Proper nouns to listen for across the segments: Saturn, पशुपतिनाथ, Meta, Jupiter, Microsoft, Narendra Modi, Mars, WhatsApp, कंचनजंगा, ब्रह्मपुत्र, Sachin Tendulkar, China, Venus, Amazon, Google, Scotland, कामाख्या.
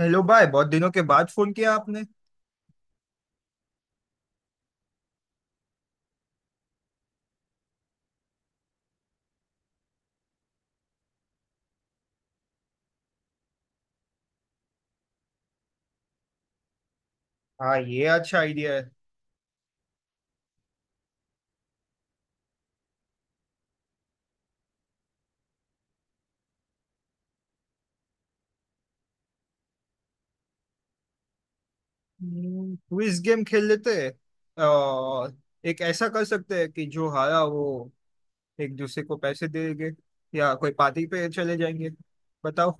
Hello भाई, बहुत दिनों के बाद फोन किया आपने। हाँ, ये अच्छा आइडिया है। क्विज गेम खेल लेते हैं। और एक ऐसा कर सकते हैं कि जो हारा वो एक दूसरे को पैसे देंगे या कोई पार्टी पे चले जाएंगे। बताओ।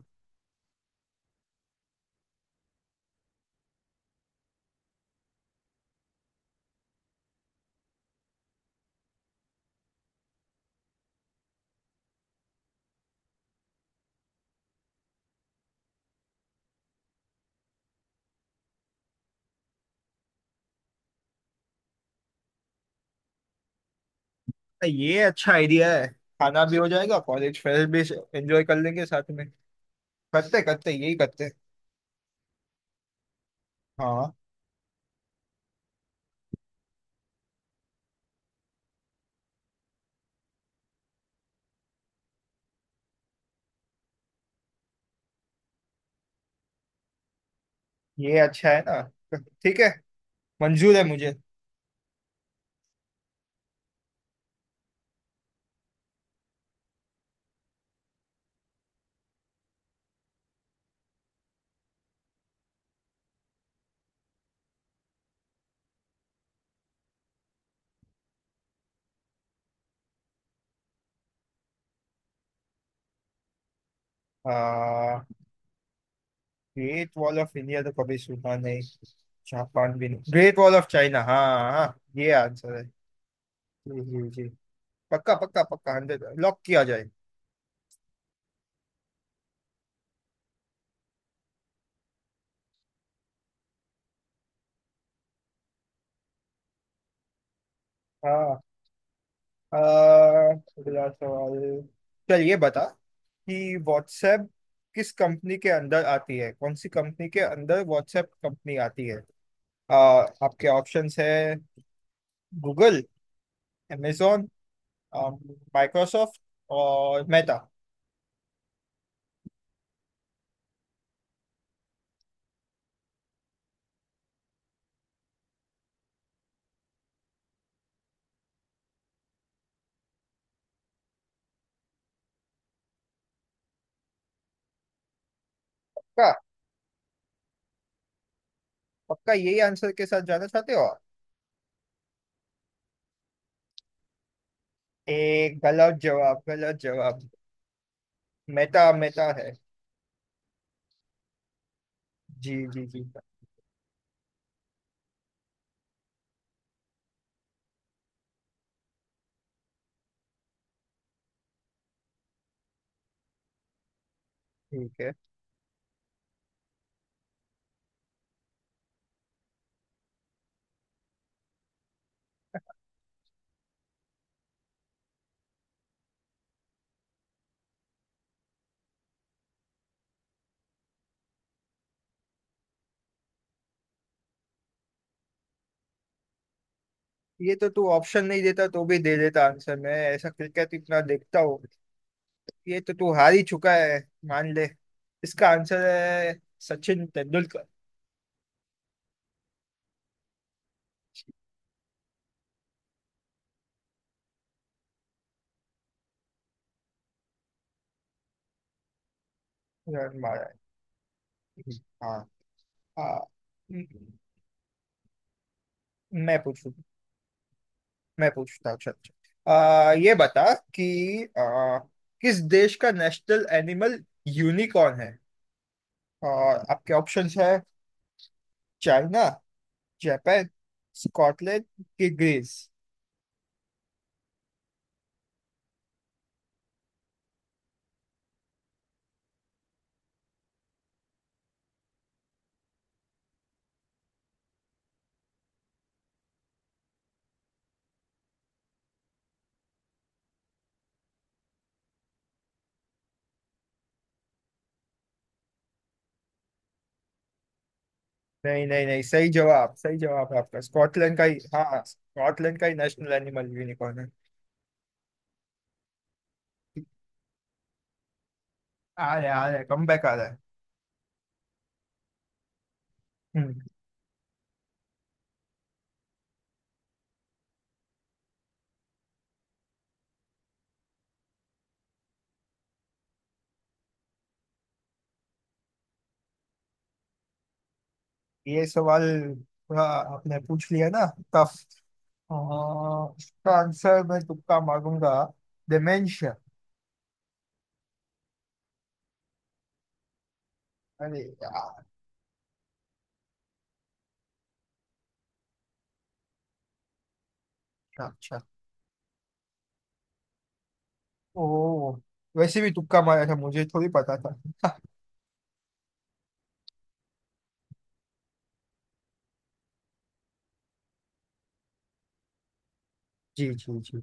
ये अच्छा आइडिया है। खाना भी हो जाएगा, कॉलेज फेयर भी एंजॉय कर लेंगे साथ में। करते करते यही करते हैं। हाँ, ये अच्छा है ना। ठीक है, मंजूर है मुझे। आ, ग्रेट वॉल ऑफ इंडिया तो कभी सुना नहीं, जापान भी नहीं। ग्रेट वॉल ऑफ चाइना, हाँ हाँ, ये आंसर है। जी जी जी, पक्का पक्का पक्का, हंड्रेड लॉक किया जाए। हाँ। अगला सवाल। चल ये बता कि व्हाट्सएप किस कंपनी के अंदर आती है, कौन सी कंपनी के अंदर व्हाट्सएप कंपनी आती है। आपके ऑप्शंस है गूगल, amazon, माइक्रोसॉफ्ट और मेटा। पक्का? पक्का यही आंसर के साथ जाना चाहते हो आप? एक गलत जवाब, गलत जवाब। मेटा, मेटा है। जी जी जी। ठीक है। ये तो तू ऑप्शन नहीं देता तो भी दे देता आंसर। मैं ऐसा क्रिकेट इतना देखता हूँ, ये तो तू हार ही चुका है, मान ले। इसका आंसर है सचिन तेंदुलकर। रन मारा है। हाँ। हाँ, मैं पूछू? मैं पूछता हूँ चल चल। आ, ये बता कि आ, किस देश का नेशनल एनिमल यूनिकॉर्न है? और आपके ऑप्शंस है चाइना जापान स्कॉटलैंड की ग्रीस नहीं नहीं नहीं, सही जवाब, सही जवाब है आपका। स्कॉटलैंड का ही, हाँ स्कॉटलैंड का ही नेशनल एनिमल यूनिकॉर्न है। आ रहा है, आ रहा है, कम बैक आ रहा है। हम्म, ये सवाल थोड़ा आपने पूछ लिया ना, टफ। इसका आंसर मैं तुक्का मारूंगा, डिमेंशिया। अरे यार! अच्छा। ओ, वैसे भी तुक्का मारा था, मुझे थोड़ी पता था। जी जी जी।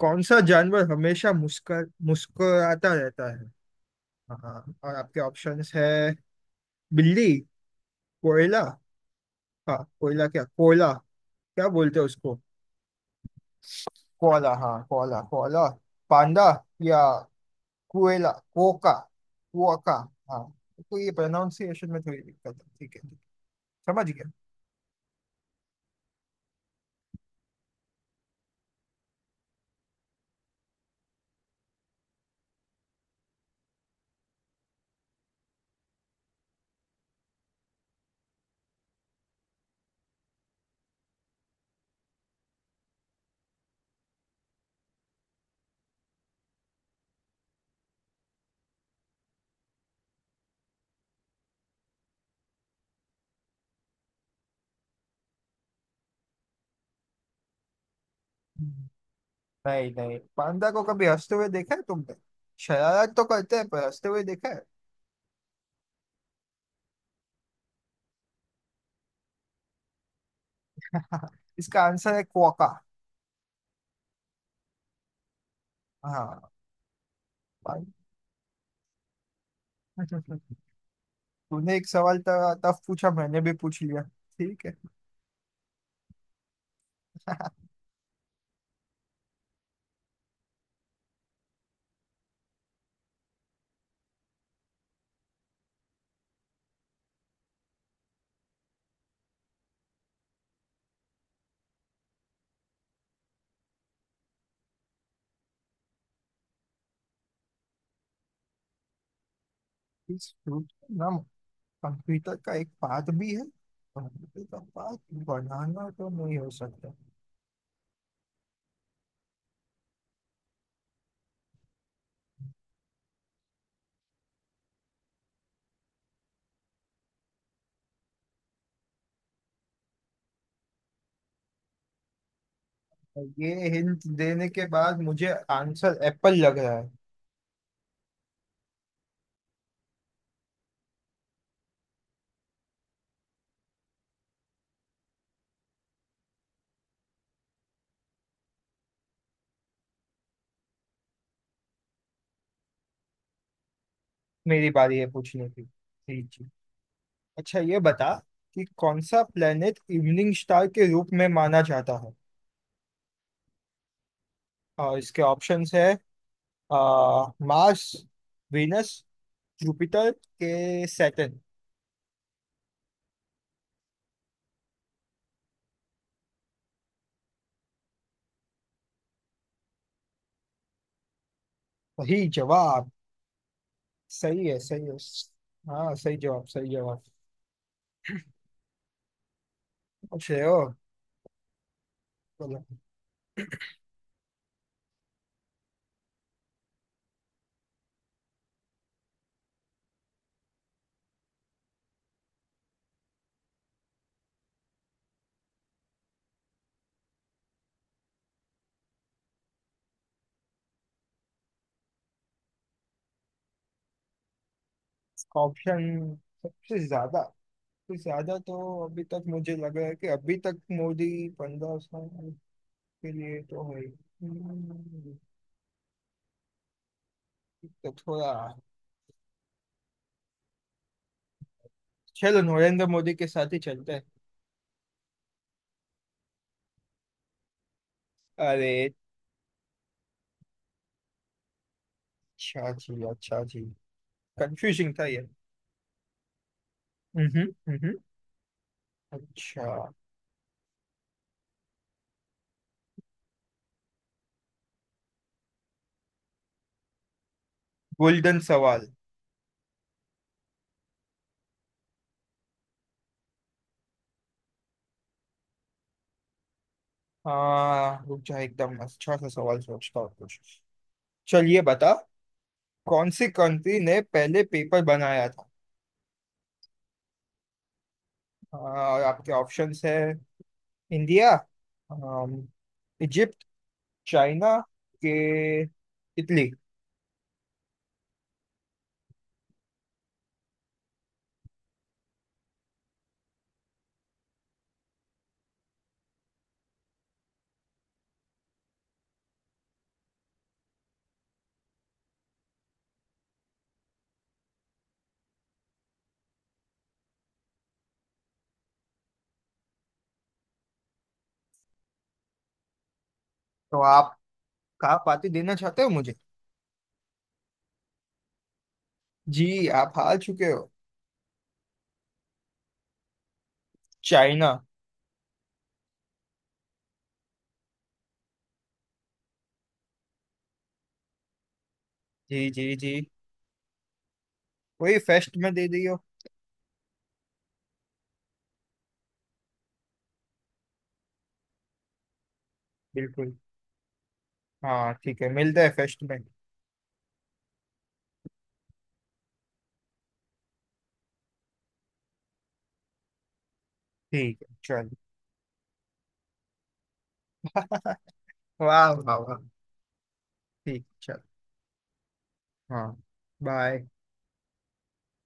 कौन सा जानवर हमेशा मुस्कर मुस्कुराता रहता है? हाँ, और आपके ऑप्शंस है बिल्ली, कोयला। हाँ कोयला, क्या कोयला, क्या बोलते हैं उसको। कोला, हाँ कोला कोला, पांडा या कोयला, कोका, कोका। हाँ, तो ये प्रोनाउंसिएशन में थोड़ी दिक्कत है। ठीक है, ठीक है। समझ गया। हम्म। नहीं नहीं, पांडा को कभी हंसते हुए देखा है तुमने? शरारत तो करते हैं, पर हंसते हुए देखा है? इसका आंसर है कोका। हाँ। पान- तूने एक सवाल तब पूछा, मैंने भी पूछ लिया। ठीक है। इस फ्रूट का नाम कंप्यूटर का एक पार्ट भी है। कंप्यूटर का पार्ट, बनाना तो नहीं हो सकता। ये हिंट देने के बाद मुझे आंसर एप्पल लग रहा है। मेरी बारी है पूछने की। जी जी। अच्छा ये बता कि कौन सा प्लेनेट इवनिंग स्टार के रूप में माना जाता है? और इसके ऑप्शंस है आ, मार्स, वीनस, जुपिटर के सैटर्न। सही जवाब। सही है, सही है। हाँ, सही जवाब, सही जवाब। पूछ रहे हो? बोलो। ऑप्शन, सबसे ज्यादा, सबसे ज्यादा तो अभी तक मुझे लग रहा है कि अभी तक मोदी 15 साल के लिए तो है। हम्म, तो थोड़ा, चलो नरेंद्र मोदी के साथ ही चलते हैं। अरे! अच्छा जी, अच्छा जी। कंफ्यूजिंग था ये। हम्म। हम्म। अच्छा। गोल्डन सवाल। हाँ रुक जा, एकदम अच्छा सा सवाल सोचता हूँ कुछ। चलिए बता। कौन सी कंट्री ने पहले पेपर बनाया था? हाँ, और आपके ऑप्शंस है इंडिया, अम, इजिप्ट, चाइना के इटली। तो आप कहाँ पार्टी देना चाहते हो मुझे? जी आप हार चुके हो। चाइना। जी जी जी। वही फेस्ट में दे दियो। बिल्कुल। हाँ ठीक है, मिलते हैं फेस्ट में। ठीक है चलो। वाह वाह वाह। ठीक, चलो। हाँ, बाय।